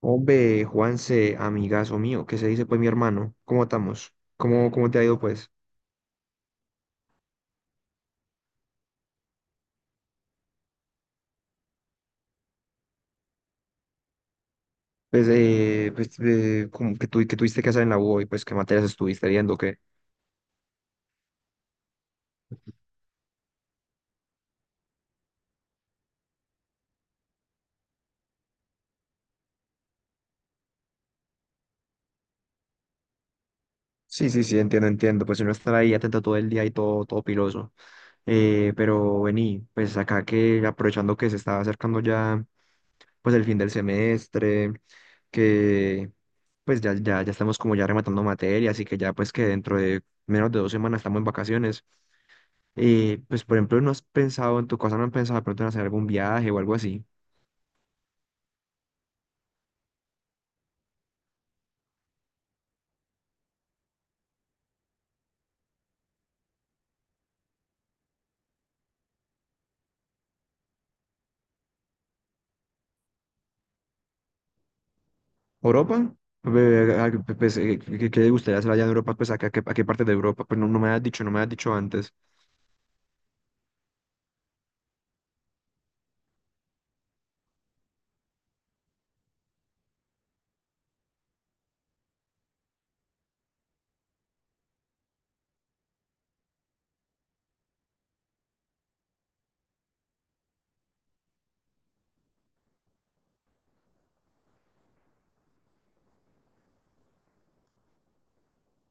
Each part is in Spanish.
Hombre, Juanse, amigazo mío, ¿qué se dice pues mi hermano? ¿Cómo estamos? ¿Cómo te ha ido pues? Pues, pues que tuviste que hacer en la U y pues qué materias estuviste viendo, qué. Sí, sí, sí, entiendo, entiendo. Pues uno estar ahí atento todo el día y todo, todo piloso. Pero vení, pues acá que aprovechando que se está acercando ya pues el fin del semestre, que pues ya estamos como ya rematando materias y que ya pues que dentro de menos de 2 semanas estamos en vacaciones. Y pues, por ejemplo, ¿no has pensado en tu casa no han pensado de pronto en hacer algún viaje o algo así? ¿Europa? Ve- a- a- Pues, ¿qué le gustaría hacer allá en Europa? Pues, ¿a qué parte de Europa? Pues no, no me has dicho antes.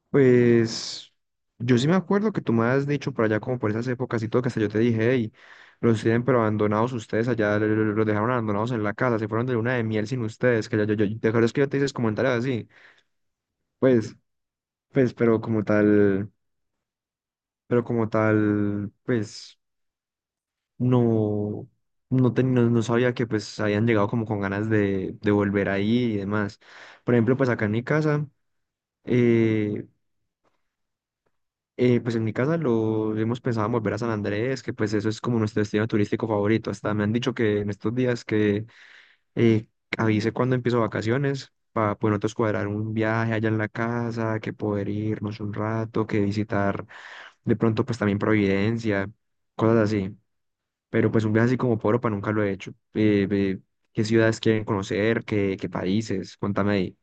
Pues, yo sí me acuerdo que tú me has dicho por allá como por esas épocas y todo, que hasta yo te dije, hey, los tienen pero abandonados ustedes allá, los dejaron abandonados en la casa, se fueron de luna de miel sin ustedes, que ya te acuerdas que yo te hice comentarios así. Pues, pues, pero como tal, pues. No, no, no, no sabía que pues habían llegado como con ganas de volver ahí y demás. Por ejemplo, pues acá en mi casa, eh, pues en mi casa lo hemos pensado en volver a San Andrés, que pues eso es como nuestro destino turístico favorito. Hasta me han dicho que en estos días que eh, avise cuando empiezo vacaciones, para poder nosotros cuadrar un viaje allá en la casa, que poder irnos un rato, que visitar de pronto pues también Providencia, cosas así. Pero pues un viaje así como por Europa nunca lo he hecho. ¿Qué ciudades quieren conocer? ¿Qué, qué países? Cuéntame ahí.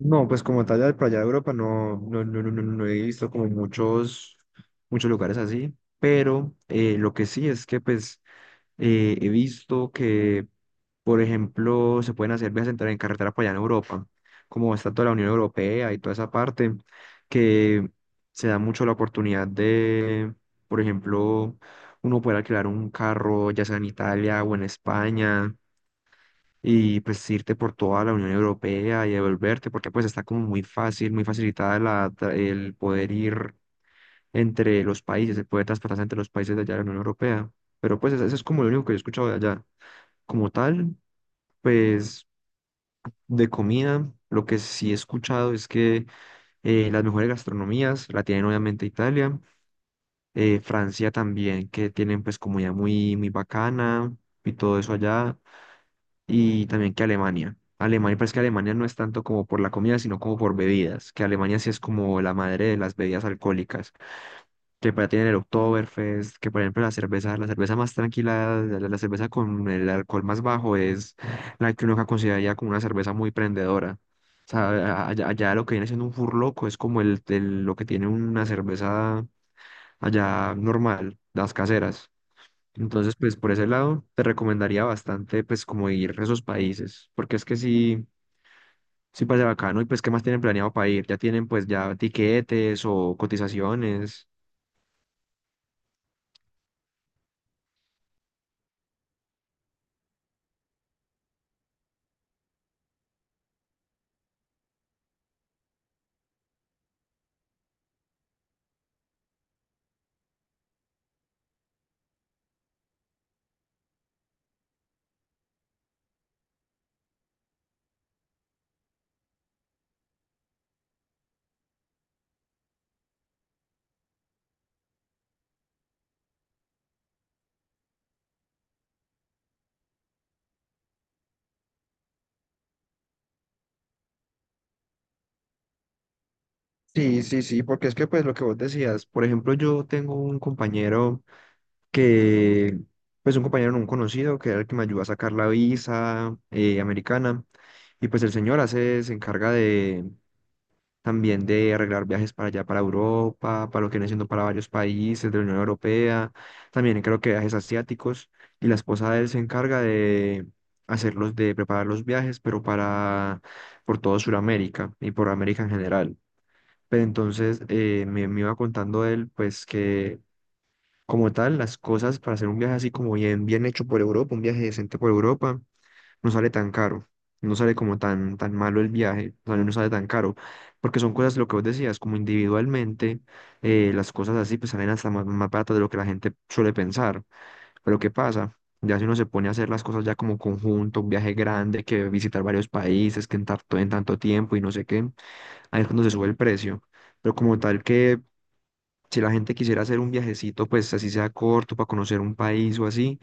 No, pues como tal, ya por allá de Europa no he visto como muchos, muchos lugares así, pero lo que sí es que pues he visto que, por ejemplo, se pueden hacer viajes en carretera para allá en Europa, como está toda la Unión Europea y toda esa parte, que se da mucho la oportunidad de, por ejemplo, uno poder alquilar un carro, ya sea en Italia o en España, y pues irte por toda la Unión Europea y devolverte, porque pues está como muy fácil, muy facilitada el poder ir entre los países, el poder transportarse entre los países de allá de la Unión Europea. Pero pues eso es como lo único que yo he escuchado de allá. Como tal, pues de comida, lo que sí he escuchado es que las mejores gastronomías la tienen obviamente Italia, Francia también, que tienen pues comida muy, muy bacana y todo eso allá, y también que Alemania. Alemania, pues que Alemania no es tanto como por la comida, sino como por bebidas, que Alemania sí es como la madre de las bebidas alcohólicas, que para tienen el Oktoberfest, que por ejemplo la cerveza más tranquila, la cerveza con el alcohol más bajo es la que uno acá consideraría como una cerveza muy prendedora. O sea, allá, allá lo que viene siendo un furloco es como lo que tiene una cerveza allá normal, las caseras. Entonces, pues por ese lado te recomendaría bastante pues como ir a esos países, porque es que sí, sí parece bacano. Y pues ¿qué más tienen planeado para ir? ¿Ya tienen pues ya tiquetes o cotizaciones? Sí, sí, sí, porque es que pues lo que vos decías, por ejemplo, yo tengo un compañero que, pues un compañero, no, un conocido, que era el que me ayudó a sacar la visa americana, y pues el señor hace, se encarga de también de arreglar viajes para allá, para Europa, para lo que viene siendo para varios países de la Unión Europea, también creo que viajes asiáticos, y la esposa de él se encarga de hacerlos, de preparar los viajes, pero para, por todo Sudamérica y por América en general. Pero entonces me iba contando él, pues que como tal, las cosas para hacer un viaje así como bien, bien hecho por Europa, un viaje decente por Europa, no sale tan caro, no sale como tan, tan malo el viaje, o sea, no sale tan caro, porque son cosas, lo que vos decías, como individualmente, las cosas así pues salen hasta más, más baratas de lo que la gente suele pensar. Pero ¿qué pasa? Ya si uno se pone a hacer las cosas ya como conjunto, un viaje grande, que visitar varios países, que en tanto tiempo y no sé qué, ahí es cuando se sube el precio. Pero como tal que si la gente quisiera hacer un viajecito, pues así sea corto, para conocer un país o así,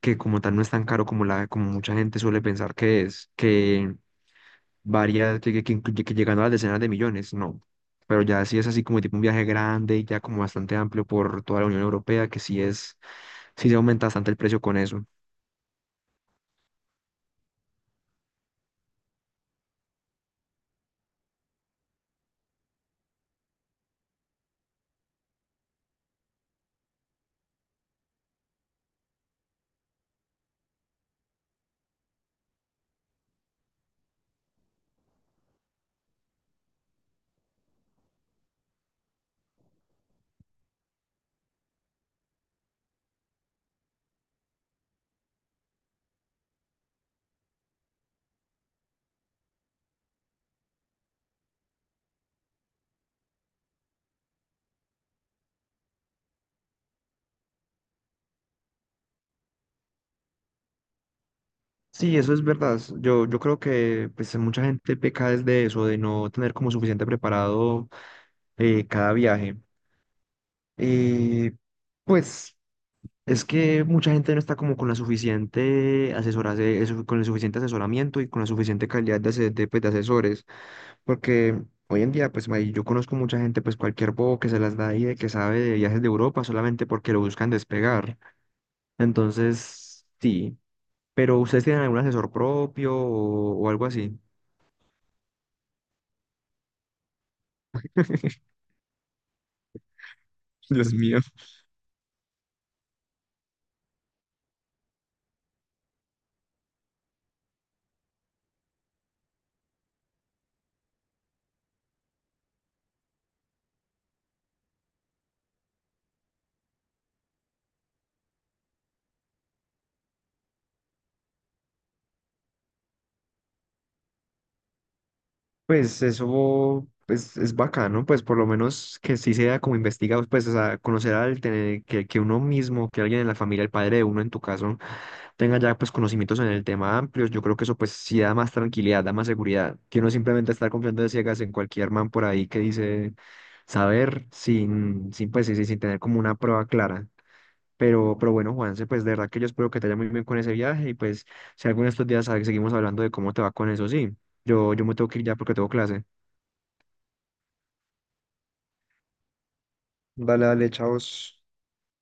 que como tal no es tan caro como, la, como mucha gente suele pensar que es, que varía, que que llegando a las decenas de millones, no. Pero ya sí es así como tipo un viaje grande y ya como bastante amplio por toda la Unión Europea, que sí es, sí se aumenta bastante el precio con eso. Sí, eso es verdad. Yo, yo creo que pues mucha gente peca desde eso, de no tener como suficiente preparado cada viaje. Eh, pues. Es que mucha gente no está como con la suficiente con el suficiente asesoramiento y con la suficiente calidad de, pues, de asesores, porque hoy en día, pues yo conozco mucha gente, pues cualquier bobo que se las da y de que sabe de viajes de Europa solamente porque lo buscan despegar. Entonces, sí, pero ¿ustedes tienen algún asesor propio o algo así? Dios mío. Pues eso pues, es bacano, pues por lo menos que sí sea como investigado, pues o sea, conocer al tener que uno mismo, que alguien en la familia, el padre de uno en tu caso, tenga ya pues conocimientos en el tema amplios, yo creo que eso pues sí da más tranquilidad, da más seguridad, que uno simplemente estar confiando de ciegas en cualquier man por ahí que dice saber sin, sin pues sí, sí, sin tener como una prueba clara. Pero bueno, Juanse, pues de verdad que yo espero que te vaya muy bien con ese viaje y pues si alguno de estos días seguimos hablando de cómo te va con eso, sí. Yo me tengo que ir ya porque tengo clase. Dale, dale, chavos.